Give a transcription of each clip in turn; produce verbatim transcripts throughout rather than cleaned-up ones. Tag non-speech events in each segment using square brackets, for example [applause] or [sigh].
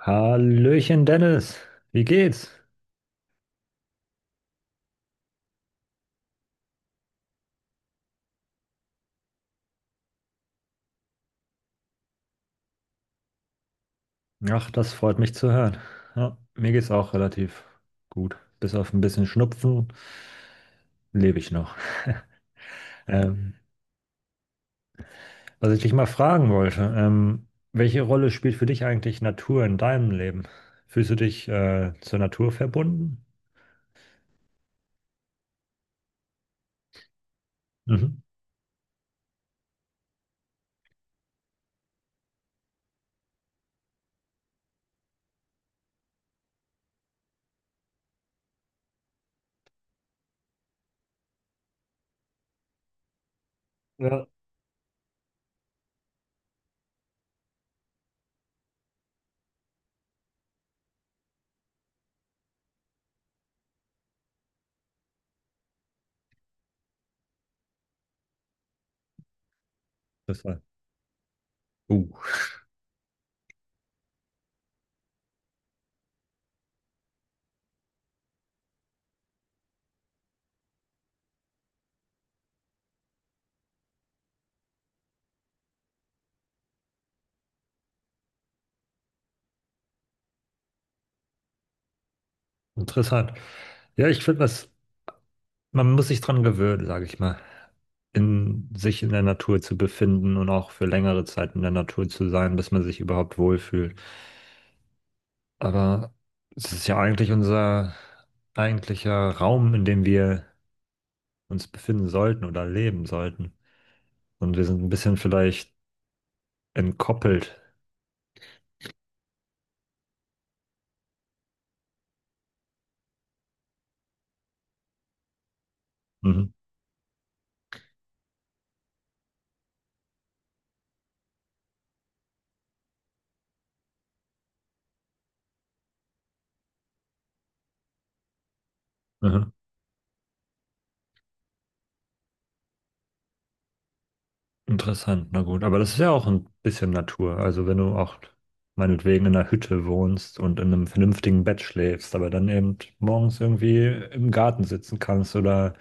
Hallöchen Dennis, wie geht's? Ach, das freut mich zu hören. Ja, mir geht's auch relativ gut. Bis auf ein bisschen Schnupfen lebe ich noch. [laughs] Ähm, Was ich dich mal fragen wollte, ähm, welche Rolle spielt für dich eigentlich Natur in deinem Leben? Fühlst du dich äh, zur Natur verbunden? Mhm. Ja, interessant. Uh, Interessant. Ja, ich finde das. Man muss sich dran gewöhnen, sage ich mal, in sich in der Natur zu befinden und auch für längere Zeit in der Natur zu sein, bis man sich überhaupt wohlfühlt. Aber es ist ja eigentlich unser eigentlicher Raum, in dem wir uns befinden sollten oder leben sollten. Und wir sind ein bisschen vielleicht entkoppelt. Mhm. Mhm. Interessant, na gut. Aber das ist ja auch ein bisschen Natur. Also wenn du auch meinetwegen in einer Hütte wohnst und in einem vernünftigen Bett schläfst, aber dann eben morgens irgendwie im Garten sitzen kannst oder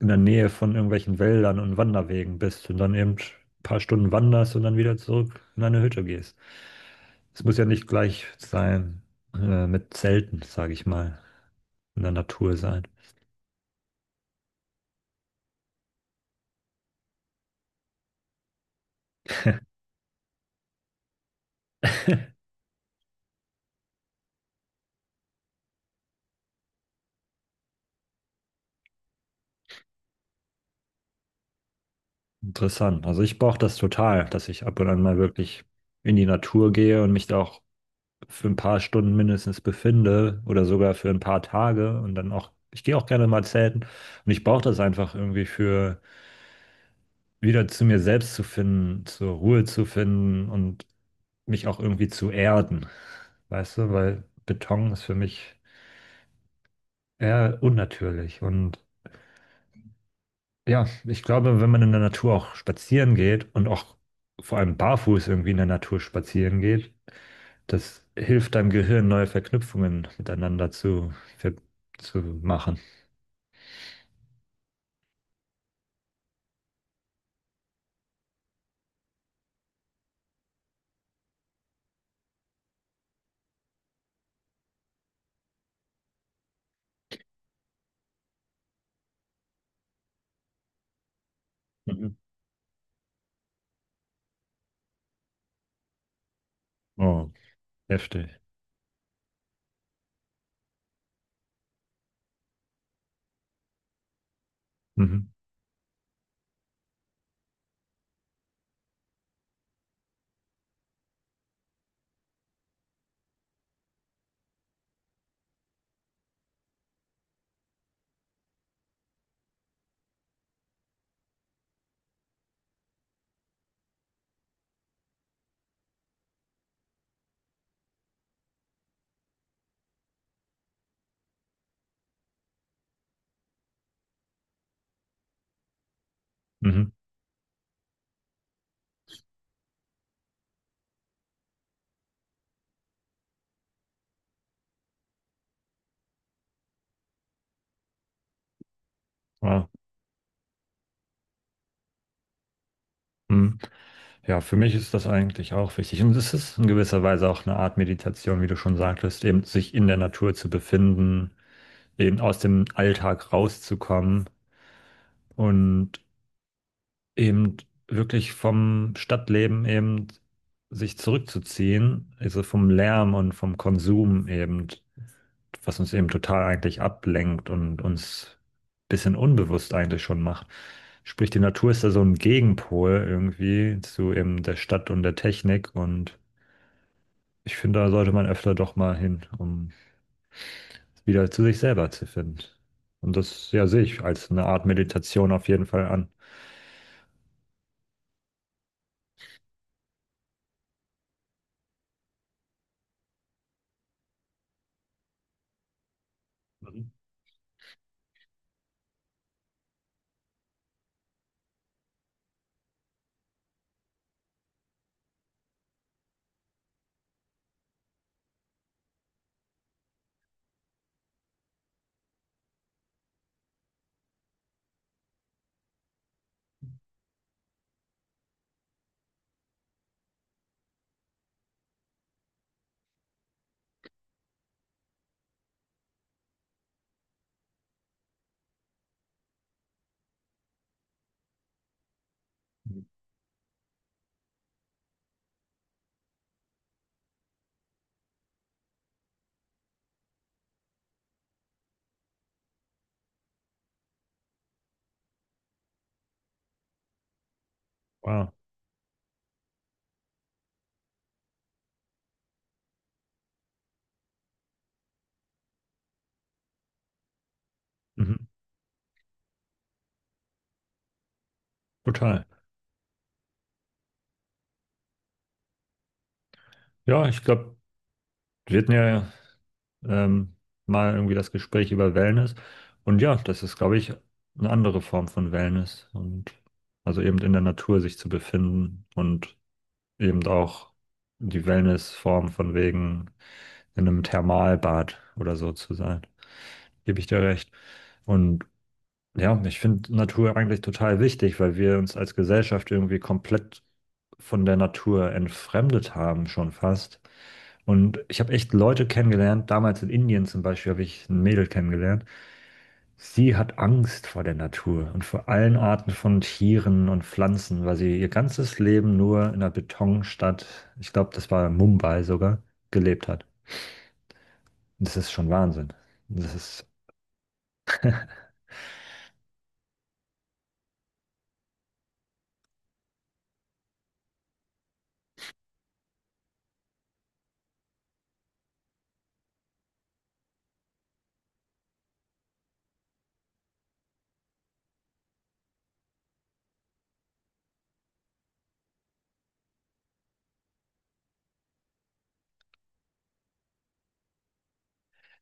in der Nähe von irgendwelchen Wäldern und Wanderwegen bist und dann eben ein paar Stunden wanderst und dann wieder zurück in deine Hütte gehst. Es muss ja nicht gleich sein, äh, mit Zelten, sage ich mal, in der Natur sein. Interessant. Also ich brauche das total, dass ich ab und an mal wirklich in die Natur gehe und mich da auch für ein paar Stunden mindestens befinde oder sogar für ein paar Tage und dann auch, ich gehe auch gerne mal zelten und ich brauche das einfach irgendwie für wieder zu mir selbst zu finden, zur Ruhe zu finden und mich auch irgendwie zu erden, weißt du, weil Beton ist für mich eher unnatürlich und ja, ich glaube, wenn man in der Natur auch spazieren geht und auch vor allem barfuß irgendwie in der Natur spazieren geht, das hilft deinem Gehirn, neue Verknüpfungen miteinander zu, ver- zu machen. Mhm. Oh, heftig. Mhm. Mhm. Wow. Mhm. Ja, für mich ist das eigentlich auch wichtig. Und es ist in gewisser Weise auch eine Art Meditation, wie du schon sagtest, eben sich in der Natur zu befinden, eben aus dem Alltag rauszukommen und eben wirklich vom Stadtleben eben sich zurückzuziehen, also vom Lärm und vom Konsum eben, was uns eben total eigentlich ablenkt und uns ein bisschen unbewusst eigentlich schon macht. Sprich, die Natur ist da so ein Gegenpol irgendwie zu eben der Stadt und der Technik, und ich finde, da sollte man öfter doch mal hin, um wieder zu sich selber zu finden. Und das, ja, sehe ich als eine Art Meditation auf jeden Fall an. Mhm. Wow. Mhm. Total. Ja, ich glaube, wir hatten ja ähm, mal irgendwie das Gespräch über Wellness. Und ja, das ist, glaube ich, eine andere Form von Wellness, und also eben in der Natur sich zu befinden und eben auch die Wellnessform von wegen in einem Thermalbad oder so zu sein. Gebe ich dir recht. Und ja, und ich finde Natur eigentlich total wichtig, weil wir uns als Gesellschaft irgendwie komplett von der Natur entfremdet haben, schon fast. Und ich habe echt Leute kennengelernt, damals in Indien zum Beispiel habe ich ein Mädel kennengelernt. Sie hat Angst vor der Natur und vor allen Arten von Tieren und Pflanzen, weil sie ihr ganzes Leben nur in einer Betonstadt, ich glaube, das war Mumbai sogar, gelebt hat. Und das ist schon Wahnsinn. Das ist.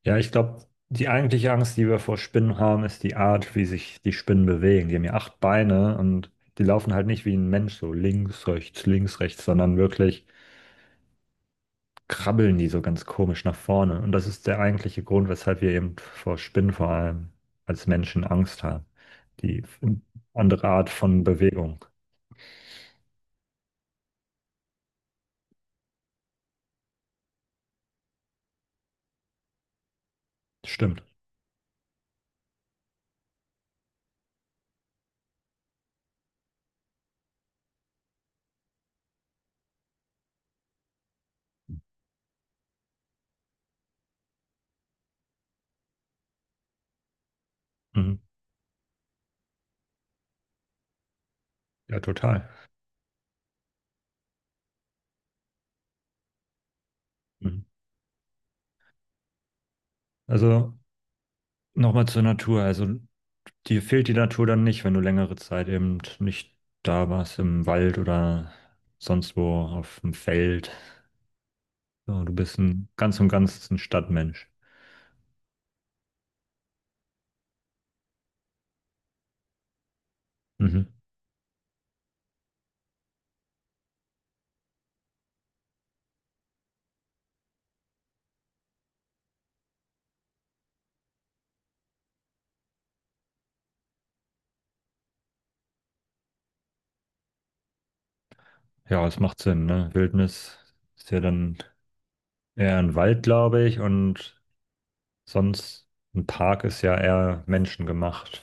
Ja, ich glaube, die eigentliche Angst, die wir vor Spinnen haben, ist die Art, wie sich die Spinnen bewegen. Die haben ja acht Beine, und die laufen halt nicht wie ein Mensch so links, rechts, links, rechts, sondern wirklich krabbeln die so ganz komisch nach vorne. Und das ist der eigentliche Grund, weshalb wir eben vor Spinnen vor allem als Menschen Angst haben. Die andere Art von Bewegung. Stimmt. Mhm. Ja, total. Mhm. Also nochmal zur Natur. Also dir fehlt die Natur dann nicht, wenn du längere Zeit eben nicht da warst, im Wald oder sonst wo auf dem Feld. So, du bist ein ganz und ganz ein Stadtmensch. Mhm. Ja, es macht Sinn, ne? Wildnis ist ja dann eher ein Wald, glaube ich, und sonst, ein Park ist ja eher menschengemacht.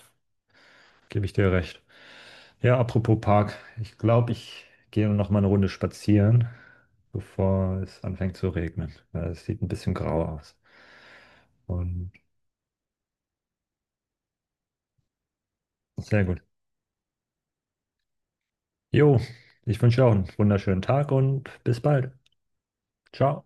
Gebe ich dir recht. Ja, apropos Park, ich glaube, ich gehe noch mal eine Runde spazieren, bevor es anfängt zu regnen. Weil es sieht ein bisschen grau aus. Und sehr gut. Jo, ich wünsche dir auch einen wunderschönen Tag und bis bald. Ciao.